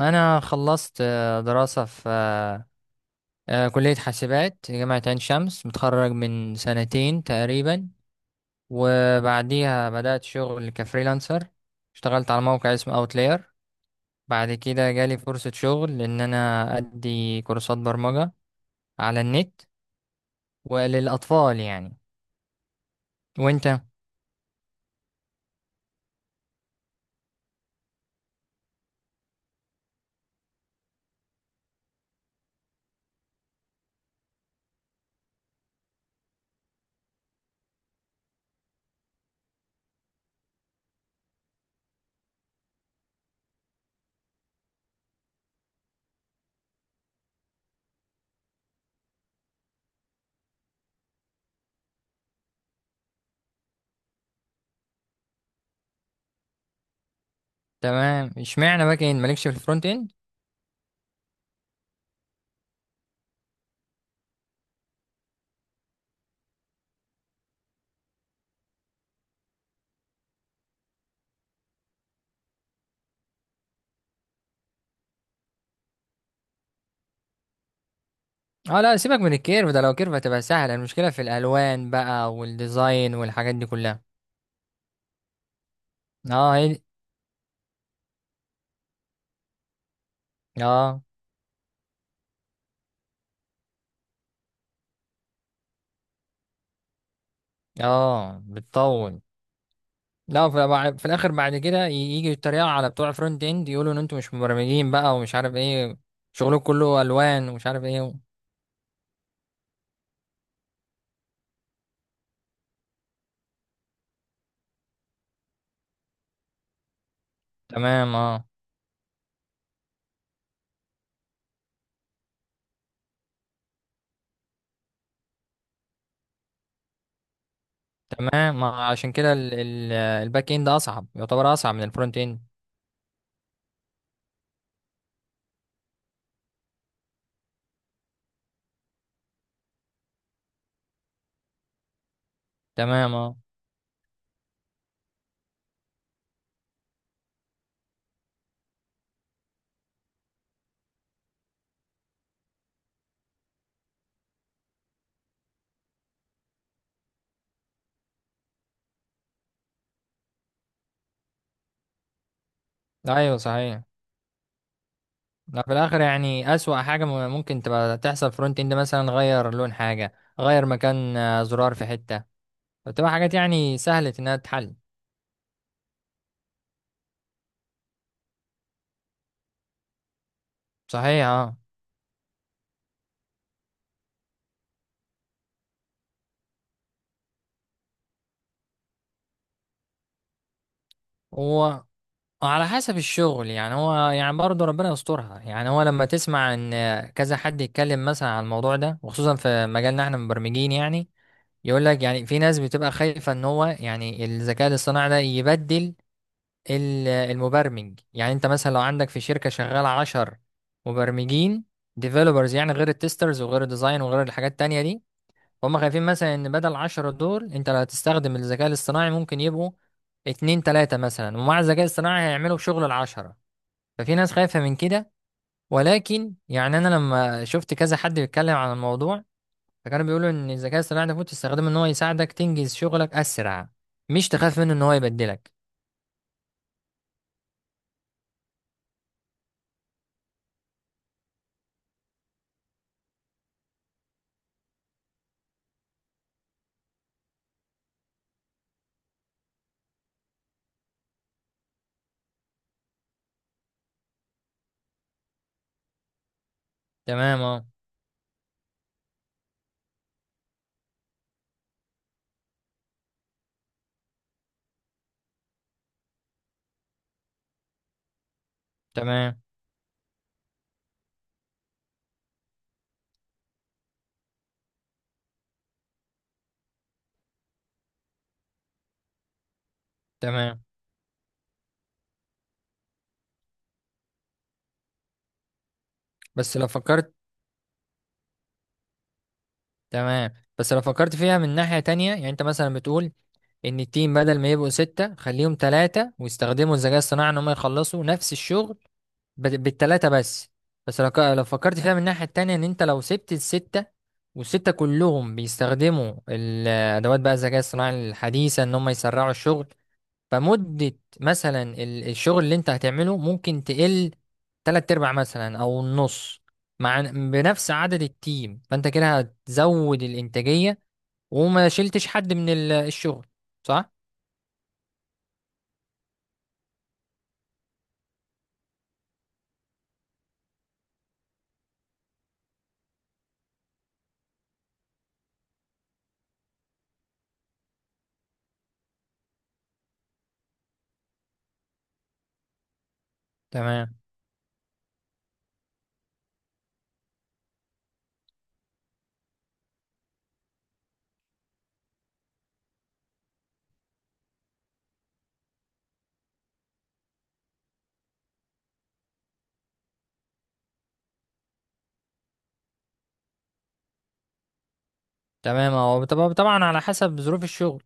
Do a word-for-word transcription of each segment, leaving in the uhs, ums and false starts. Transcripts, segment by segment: انا خلصت آه، دراسة في آه، آه، كلية حاسبات جامعة عين شمس. متخرج من سنتين تقريبا، وبعديها بدأت شغل كفريلانسر. اشتغلت على موقع اسمه اوتلاير. بعد كده جالي فرصة شغل ان انا ادي كورسات برمجة على النت وللاطفال يعني. وانت؟ تمام، اشمعنى باك اند مالكش في الفرونت اند؟ اه لا، سيبك من الكيرف ده، لو كيرف هتبقى سهلة. المشكلة في الالوان بقى، والديزاين، والحاجات دي كلها. اه هي. اه. اه، بتطول. لا، في في الاخر بعد كده ي- يجي يتريقوا على بتوع فرونت اند، يقولوا ان انتوا مش مبرمجين بقى ومش عارف ايه، شغلكم كله الوان ومش عارف ايه. تمام اه. تمام، ما عشان كده ال- ال- الباك اند اصعب، يعتبر اصعب من الفرونت اند. تمام اه. ايوه صحيح. لا، في الاخر يعني اسوأ حاجه م- ممكن تبقى تحصل فرونت اند، مثلا غير لون حاجه، غير مكان آه، زرار في حته. بتبقى حاجات يعني سهله انها تتحل. صحيح. اه، على حسب الشغل يعني، هو يعني برضه ربنا يسترها يعني. هو لما تسمع ان كذا حد يتكلم مثلا عن الموضوع ده، وخصوصا في مجالنا احنا مبرمجين يعني، يقول لك يعني في ناس بتبقى خايفة ان هو يعني الذكاء الاصطناعي ده يبدل ال- المبرمج. يعني انت مثلا لو عندك في شركة شغالة عشر مبرمجين، ديفلوبرز يعني، غير التسترز وغير الديزاين وغير الحاجات التانية دي، فهم خايفين مثلا ان بدل العشرة دول انت لو هتستخدم الذكاء الاصطناعي ممكن يبقوا اتنين تلاتة مثلا، ومع الذكاء الاصطناعي هيعملوا شغل العشرة. ففي ناس خايفة من كده. ولكن يعني أنا لما شفت كذا حد بيتكلم عن الموضوع، فكانوا بيقولوا إن الذكاء الاصطناعي ده المفروض تستخدمه إن هو يساعدك تنجز شغلك أسرع، مش تخاف منه إن هو يبدلك. تمام أه. تمام. تمام. بس لو فكرت تمام بس لو فكرت فيها من ناحية تانية يعني، أنت مثلا بتقول إن التيم بدل ما يبقوا ستة خليهم تلاتة ويستخدموا الذكاء الاصطناعي إن هم يخلصوا نفس الشغل بت- بالتلاتة بس. بس لو ك- لو فكرت فيها من الناحية التانية، ان انت لو سبت الستة والستة كلهم بيستخدموا الادوات بقى الذكاء الصناعي الحديثة، ان هم يسرعوا الشغل، فمدة مثلا ال- الشغل اللي انت هتعمله ممكن تقل تلات ارباع مثلا او النص، مع بنفس عدد التيم. فانت كده هتزود الانتاجية، وما شلتش حد من ال- الشغل، صح؟ تمام. تمام، هو طب- طبعا على حسب ظروف الشغل.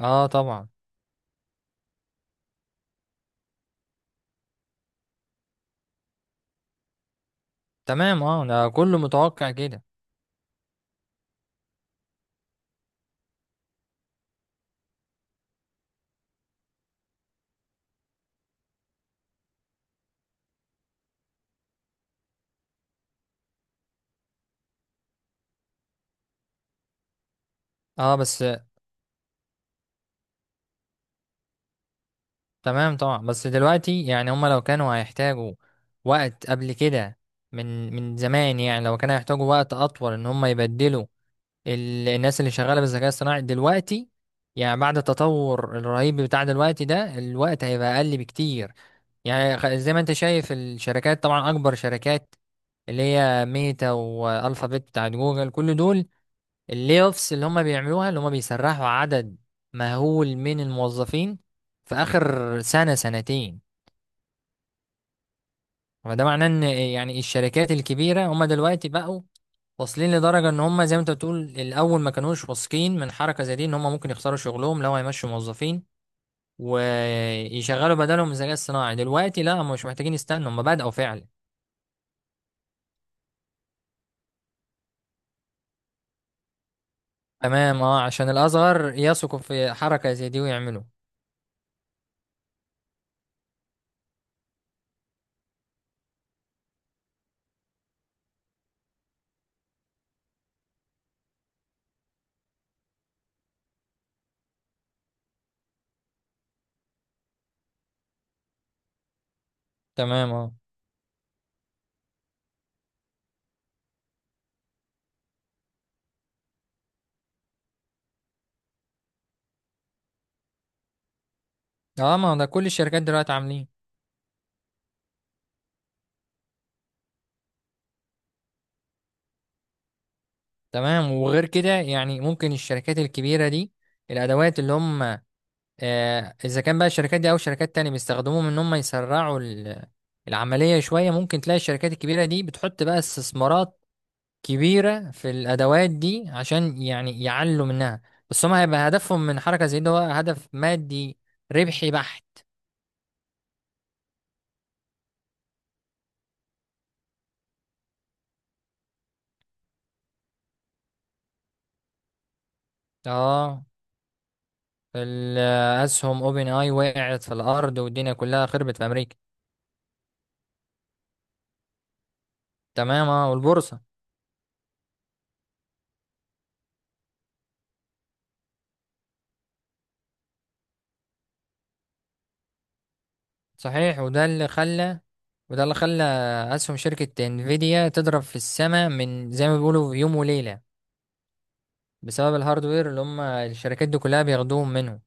اه طبعا. تمام اه، ده كله متوقع كده. اه بس. تمام طبعا. بس دلوقتي يعني هما لو كانوا هيحتاجوا وقت قبل كده، من من زمان يعني، لو كانوا هيحتاجوا وقت اطول ان هما يبدلوا ال... الناس اللي شغالة بالذكاء الصناعي دلوقتي، يعني بعد التطور الرهيب بتاع دلوقتي ده الوقت هيبقى اقل بكتير. يعني خ- زي ما انت شايف الشركات، طبعا اكبر شركات، اللي هي ميتا والفابت بتاعت جوجل، كل دول اللي اوفس اللي هم بيعملوها، اللي هم بيسرحوا عدد مهول من الموظفين في اخر سنة سنتين. فده معناه ان يعني الشركات الكبيرة هم دلوقتي بقوا واصلين لدرجة ان هم، زي ما انت بتقول، الاول ما كانوش واثقين من حركة زي دي، ان هم ممكن يخسروا شغلهم لو هيمشوا موظفين ويشغلوا بدلهم الذكاء الصناعي. دلوقتي لا، هم مش محتاجين يستنوا، هم بدأوا فعلا. تمام اه، عشان الاصغر يثقوا في حركة زي دي ويعملوا. تمام اه. اه، ما هو ده كل الشركات دلوقتي عاملين. تمام. وغير كده يعني ممكن الشركات الكبيرة دي، الأدوات اللي هم آه، إذا كان بقى الشركات دي أو شركات تانية بيستخدموهم إن هم يسرعوا ال- العملية شوية، ممكن تلاقي الشركات الكبيرة دي بتحط بقى استثمارات كبيرة في الأدوات دي عشان يعني يعلوا منها. بس هم هيبقى هدفهم من حركة زي ده هو هدف مادي ربحي بحت. اه. الأسهم أوبن آي وقعت في الأرض والدنيا كلها خربت في أمريكا. تمام اه، والبورصة. صحيح. وده اللي خلى وده اللي خلى أسهم شركة انفيديا تضرب في السماء من زي ما بيقولوا في يوم وليلة، بسبب الهاردوير اللي هم الشركات دي كلها بياخدوهم منه.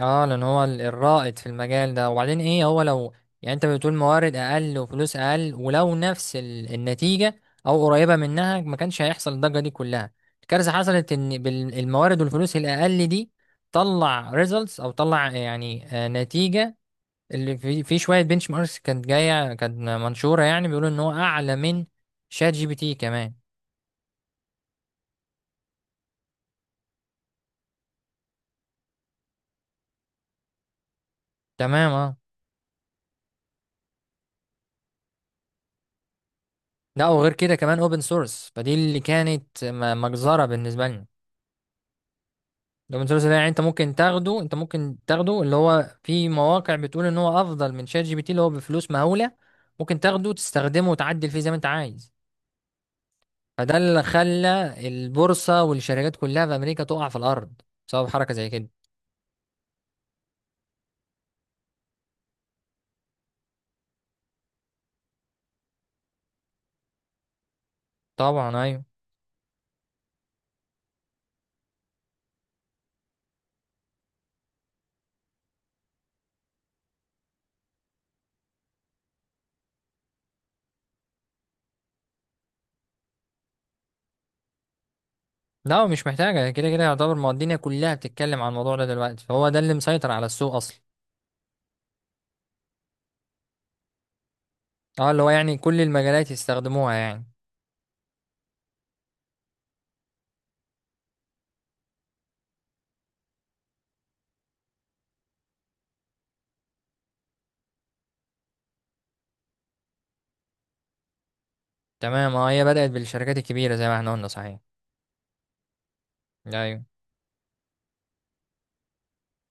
اه، لأن هو ال- الرائد في المجال ده. وبعدين ايه، هو لو يعني انت بتقول موارد أقل وفلوس أقل، ولو نفس ال- النتيجة أو قريبة منها، ما كانش هيحصل الضجة دي كلها. الكارثة حصلت إن بالموارد والفلوس الأقل دي طلع ريزلتس، أو طلع يعني آه، نتيجة اللي في في شويه بنش ماركس كانت جايه، كانت منشوره يعني، بيقولوا ان هو اعلى من شات جي بي تي كمان. تمام اه. لا، وغير كده كمان اوبن سورس، فدي اللي كانت م- مجزره بالنسبه لنا. الاوبن سورس ده يعني انت ممكن تاخده انت ممكن تاخده، اللي هو في مواقع بتقول ان هو افضل من شات جي بي تي اللي هو بفلوس مهوله. ممكن تاخده تستخدمه وتعدل فيه زي ما انت عايز. فده اللي خلى البورصه والشركات كلها في امريكا تقع في الارض، بسبب حركه زي كده. طبعا ايوه. لا، هو مش محتاجة، كده كده يعتبر، ما هو الدنيا كلها بتتكلم عن الموضوع ده دلوقتي، فهو ده اللي مسيطر على السوق أصلا. اه، اللي هو يعني كل المجالات يستخدموها يعني. تمام اه، هي بدأت بالشركات الكبيرة زي ما احنا قلنا. صحيح. أيوة.